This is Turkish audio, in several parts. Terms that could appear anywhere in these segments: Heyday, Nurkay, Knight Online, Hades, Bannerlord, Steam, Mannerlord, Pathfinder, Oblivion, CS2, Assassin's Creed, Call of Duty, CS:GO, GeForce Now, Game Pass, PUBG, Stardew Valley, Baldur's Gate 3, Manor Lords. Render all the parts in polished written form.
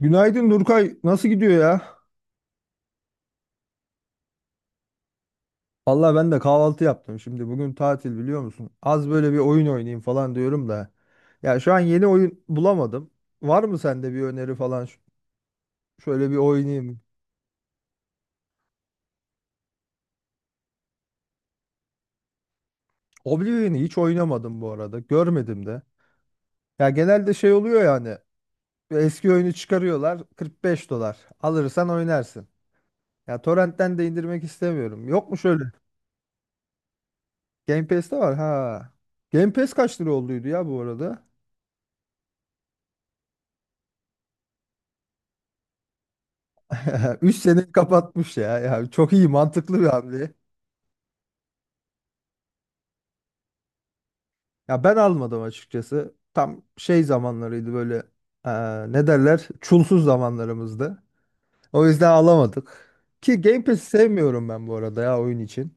Günaydın Nurkay. Nasıl gidiyor ya? Vallahi ben de kahvaltı yaptım şimdi. Bugün tatil biliyor musun? Az böyle bir oyun oynayayım falan diyorum da. Ya şu an yeni oyun bulamadım. Var mı sende bir öneri falan? Şöyle bir oynayayım. Oblivion'ı hiç oynamadım bu arada. Görmedim de. Ya genelde şey oluyor yani. Eski oyunu çıkarıyorlar. 45 dolar. Alırsan oynarsın. Ya torrentten de indirmek istemiyorum. Yok mu şöyle? Game Pass'te var ha. Game Pass kaç lira olduydu ya bu arada? 3 sene kapatmış ya. Ya çok iyi, mantıklı bir hamle. Ya ben almadım açıkçası. Tam şey zamanlarıydı böyle, eee, ne derler? Çulsuz zamanlarımızdı. O yüzden alamadık. Ki Game Pass'i sevmiyorum ben bu arada ya, oyun için.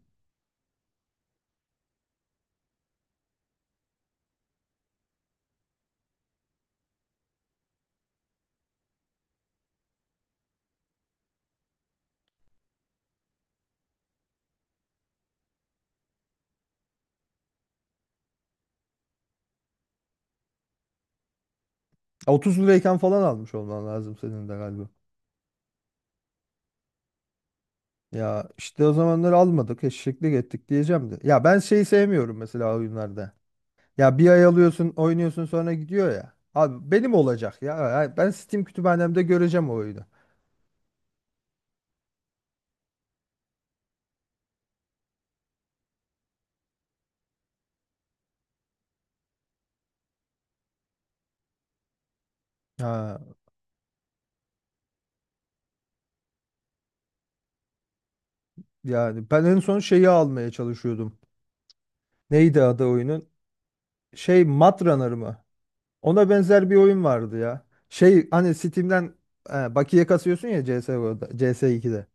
30 lirayken falan almış olman lazım senin de galiba. Ya işte o zamanları almadık, eşeklik ettik diyeceğim de. Ya ben şeyi sevmiyorum mesela oyunlarda. Ya bir ay alıyorsun, oynuyorsun, sonra gidiyor ya. Abi benim olacak ya. Ya ben Steam kütüphanemde göreceğim o oyunu. Ha. Yani ben en son şeyi almaya çalışıyordum. Neydi adı oyunun? Şey, Matrunner mı? Ona benzer bir oyun vardı ya. Şey, hani Steam'den bakiye kasıyorsun ya, CS:GO'da, CS2'de.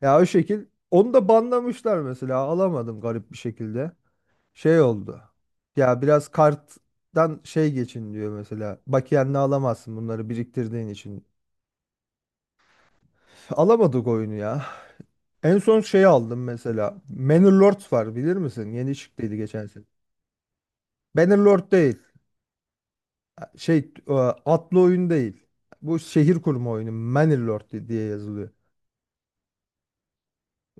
Ya o şekil onu da banlamışlar mesela. Alamadım garip bir şekilde. Şey oldu. Ya biraz karttan şey geçin diyor mesela. Bakiyenle alamazsın bunları, biriktirdiğin için. Alamadık oyunu ya. En son şey aldım mesela. Manor Lords var, bilir misin? Yeni çıktıydı geçen sene. Bannerlord değil. Şey, atlı oyun değil. Bu şehir kurma oyunu. Mannerlord diye yazılıyor.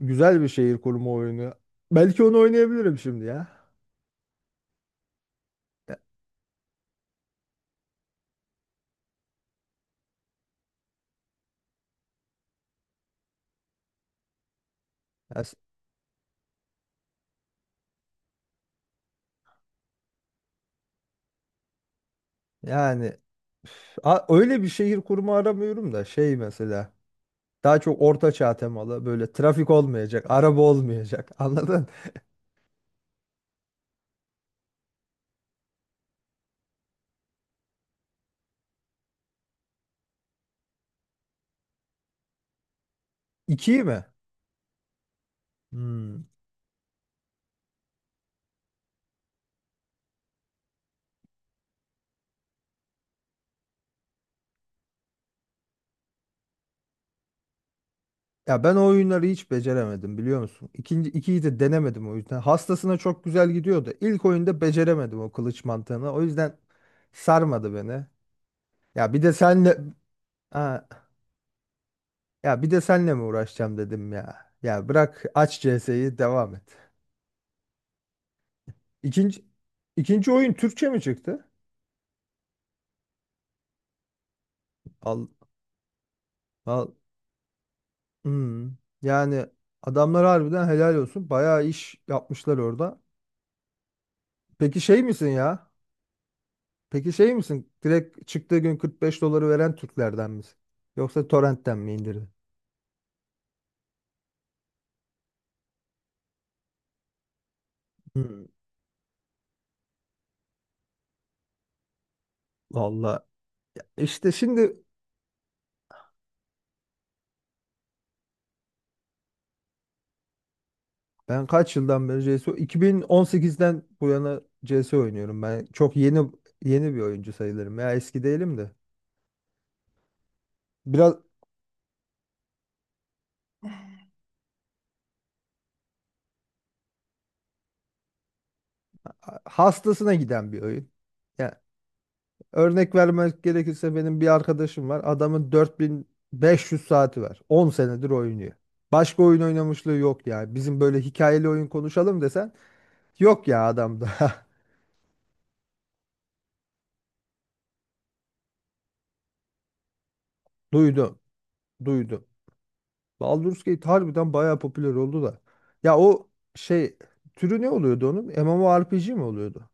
Güzel bir şehir kurma oyunu. Belki onu oynayabilirim şimdi ya. Ya- ya- Yani öyle bir şehir kurma aramıyorum da, şey mesela, daha çok orta çağ temalı, böyle trafik olmayacak, araba olmayacak. Anladın? İkiyi mi? Hmm. Ya ben o oyunları hiç beceremedim biliyor musun? İkinci, ikiyi de denemedim o yüzden. Hastasına çok güzel gidiyordu. İlk oyunda beceremedim o kılıç mantığını. O yüzden sarmadı beni. Ya bir de senle ha, ya bir de senle mi uğraşacağım dedim ya. Ya bırak, aç CS'yi, devam et. İkinci ikinci oyun Türkçe mi çıktı? Al, al. Hmm. Yani adamlar harbiden helal olsun. Bayağı iş yapmışlar orada. Peki şey misin ya? Peki şey misin? Direkt çıktığı gün 45 doları veren Türklerden misin? Yoksa torrentten mi indirdin? Hmm, valla. Ya İşte şimdi ben kaç yıldan beri CS:GO? 2018'den bu yana CS oynuyorum. Ben çok yeni, yeni bir oyuncu sayılırım. Ya eski değilim de. Biraz hastasına giden bir oyun. Ya, örnek vermek gerekirse, benim bir arkadaşım var. Adamın 4.500 saati var. 10 senedir oynuyor. Başka oyun oynamışlığı yok ya. Bizim böyle hikayeli oyun konuşalım desen, yok ya adamda. Duydum. Duydum. Baldur's Gate harbiden bayağı popüler oldu da. Ya o şey, türü ne oluyordu onun? MMORPG mi oluyordu?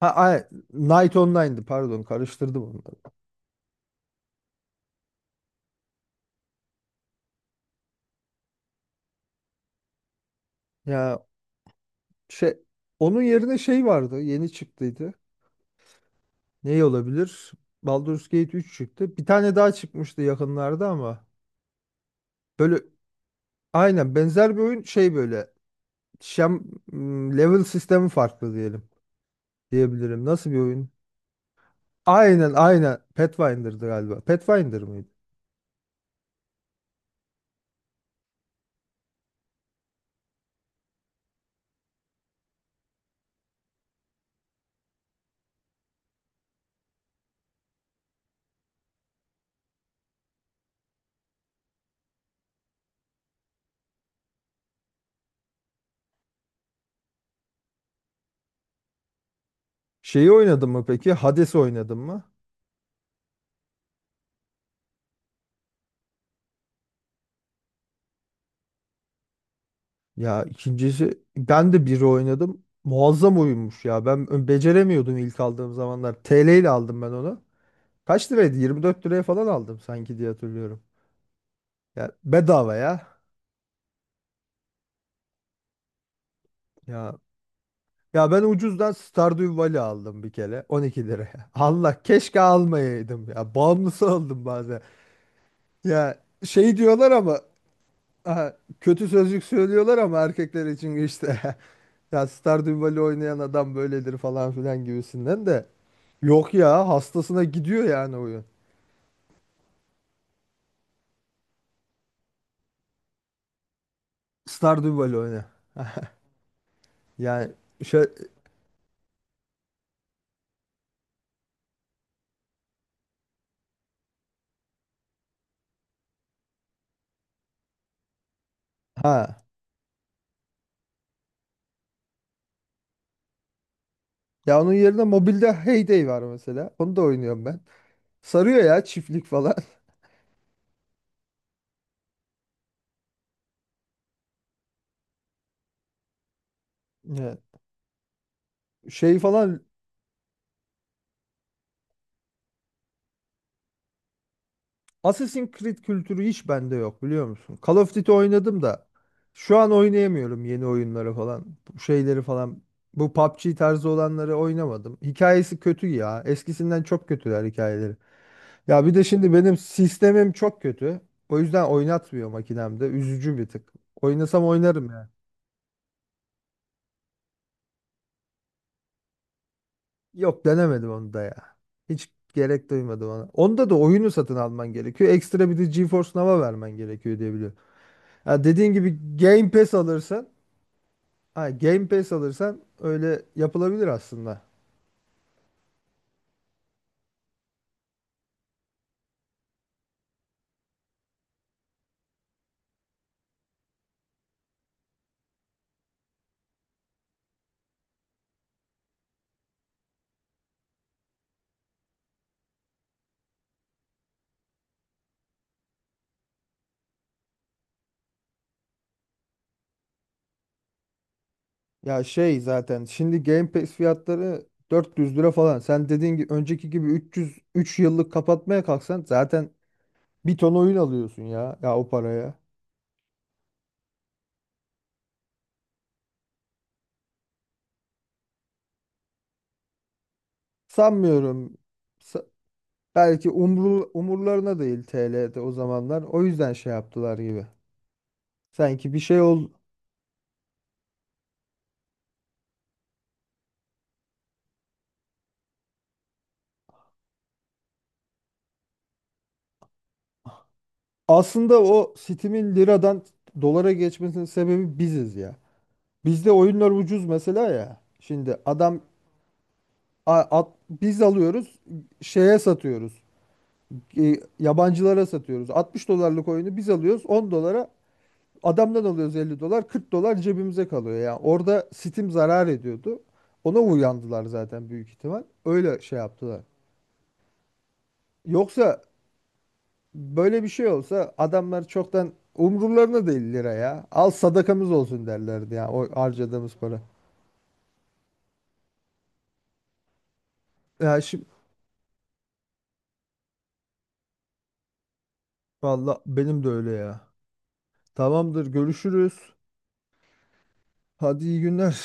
Ha ay, Knight Online'dı, pardon, karıştırdım onları. Ya şey, onun yerine şey vardı yeni çıktıydı. Ne olabilir? Baldur's Gate 3 çıktı. Bir tane daha çıkmıştı yakınlarda ama, böyle aynen benzer bir oyun, şey, böyle şem, level sistemi farklı diyelim, diyebilirim. Nasıl bir oyun? Aynen, aynen. Pathfinder'dı galiba. Pathfinder mıydı? Şeyi oynadın mı peki? Hades'i oynadın mı? Ya ikincisi, ben de biri oynadım. Muazzam oyunmuş ya. Ben beceremiyordum ilk aldığım zamanlar. TL ile aldım ben onu. Kaç liraydı? 24 liraya falan aldım sanki diye hatırlıyorum. Ya bedava ya. Ya ya ben ucuzdan Stardew Valley aldım bir kere, 12 liraya. Allah, keşke almayaydım ya. Bağımlısı oldum bazen. Ya şey diyorlar ama, aha, kötü sözcük söylüyorlar ama erkekler için, işte ya Stardew Valley oynayan adam böyledir falan filan gibisinden, de yok ya, hastasına gidiyor yani oyun. Stardew Valley oyna. Yani şey, ha, ya, onun yerine mobilde Heyday var mesela. Onu da oynuyorum ben. Sarıyor ya, çiftlik falan. Evet. Şey falan, Assassin's Creed kültürü hiç bende yok biliyor musun? Call of Duty oynadım da, şu an oynayamıyorum yeni oyunları falan. Bu şeyleri falan. Bu PUBG tarzı olanları oynamadım. Hikayesi kötü ya. Eskisinden çok kötüler hikayeleri. Ya bir de şimdi benim sistemim çok kötü. O yüzden oynatmıyor makinemde. Üzücü bir tık. Oynasam oynarım ya. Yok, denemedim onu da ya. Hiç gerek duymadım ona. Onda da oyunu satın alman gerekiyor. Ekstra bir de GeForce Now'a vermen gerekiyor diye biliyorum. Ya dediğin gibi Game Pass alırsan, ha, Game Pass alırsan öyle yapılabilir aslında. Ya şey, zaten şimdi Game Pass fiyatları 400 lira falan. Sen dediğin gibi önceki gibi 300, 3 yıllık kapatmaya kalksan zaten bir ton oyun alıyorsun ya o paraya. Sanmıyorum. Sa- Belki umurlarına değil TL'de o zamanlar. O yüzden şey yaptılar gibi. Sanki bir şey, ol. Aslında o Steam'in liradan dolara geçmesinin sebebi biziz ya. Bizde oyunlar ucuz mesela ya. Şimdi adam, biz alıyoruz, şeye satıyoruz. Yabancılara satıyoruz. 60 dolarlık oyunu biz alıyoruz 10 dolara, adamdan alıyoruz, 50 dolar, 40 dolar cebimize kalıyor. Yani orada Steam zarar ediyordu. Ona uyandılar zaten büyük ihtimal. Öyle şey yaptılar. Yoksa böyle bir şey olsa, adamlar çoktan umurlarına değil lira ya. Al, sadakamız olsun derlerdi ya o harcadığımız para. Ya şimdi, valla benim de öyle ya. Tamamdır, görüşürüz. Hadi, iyi günler.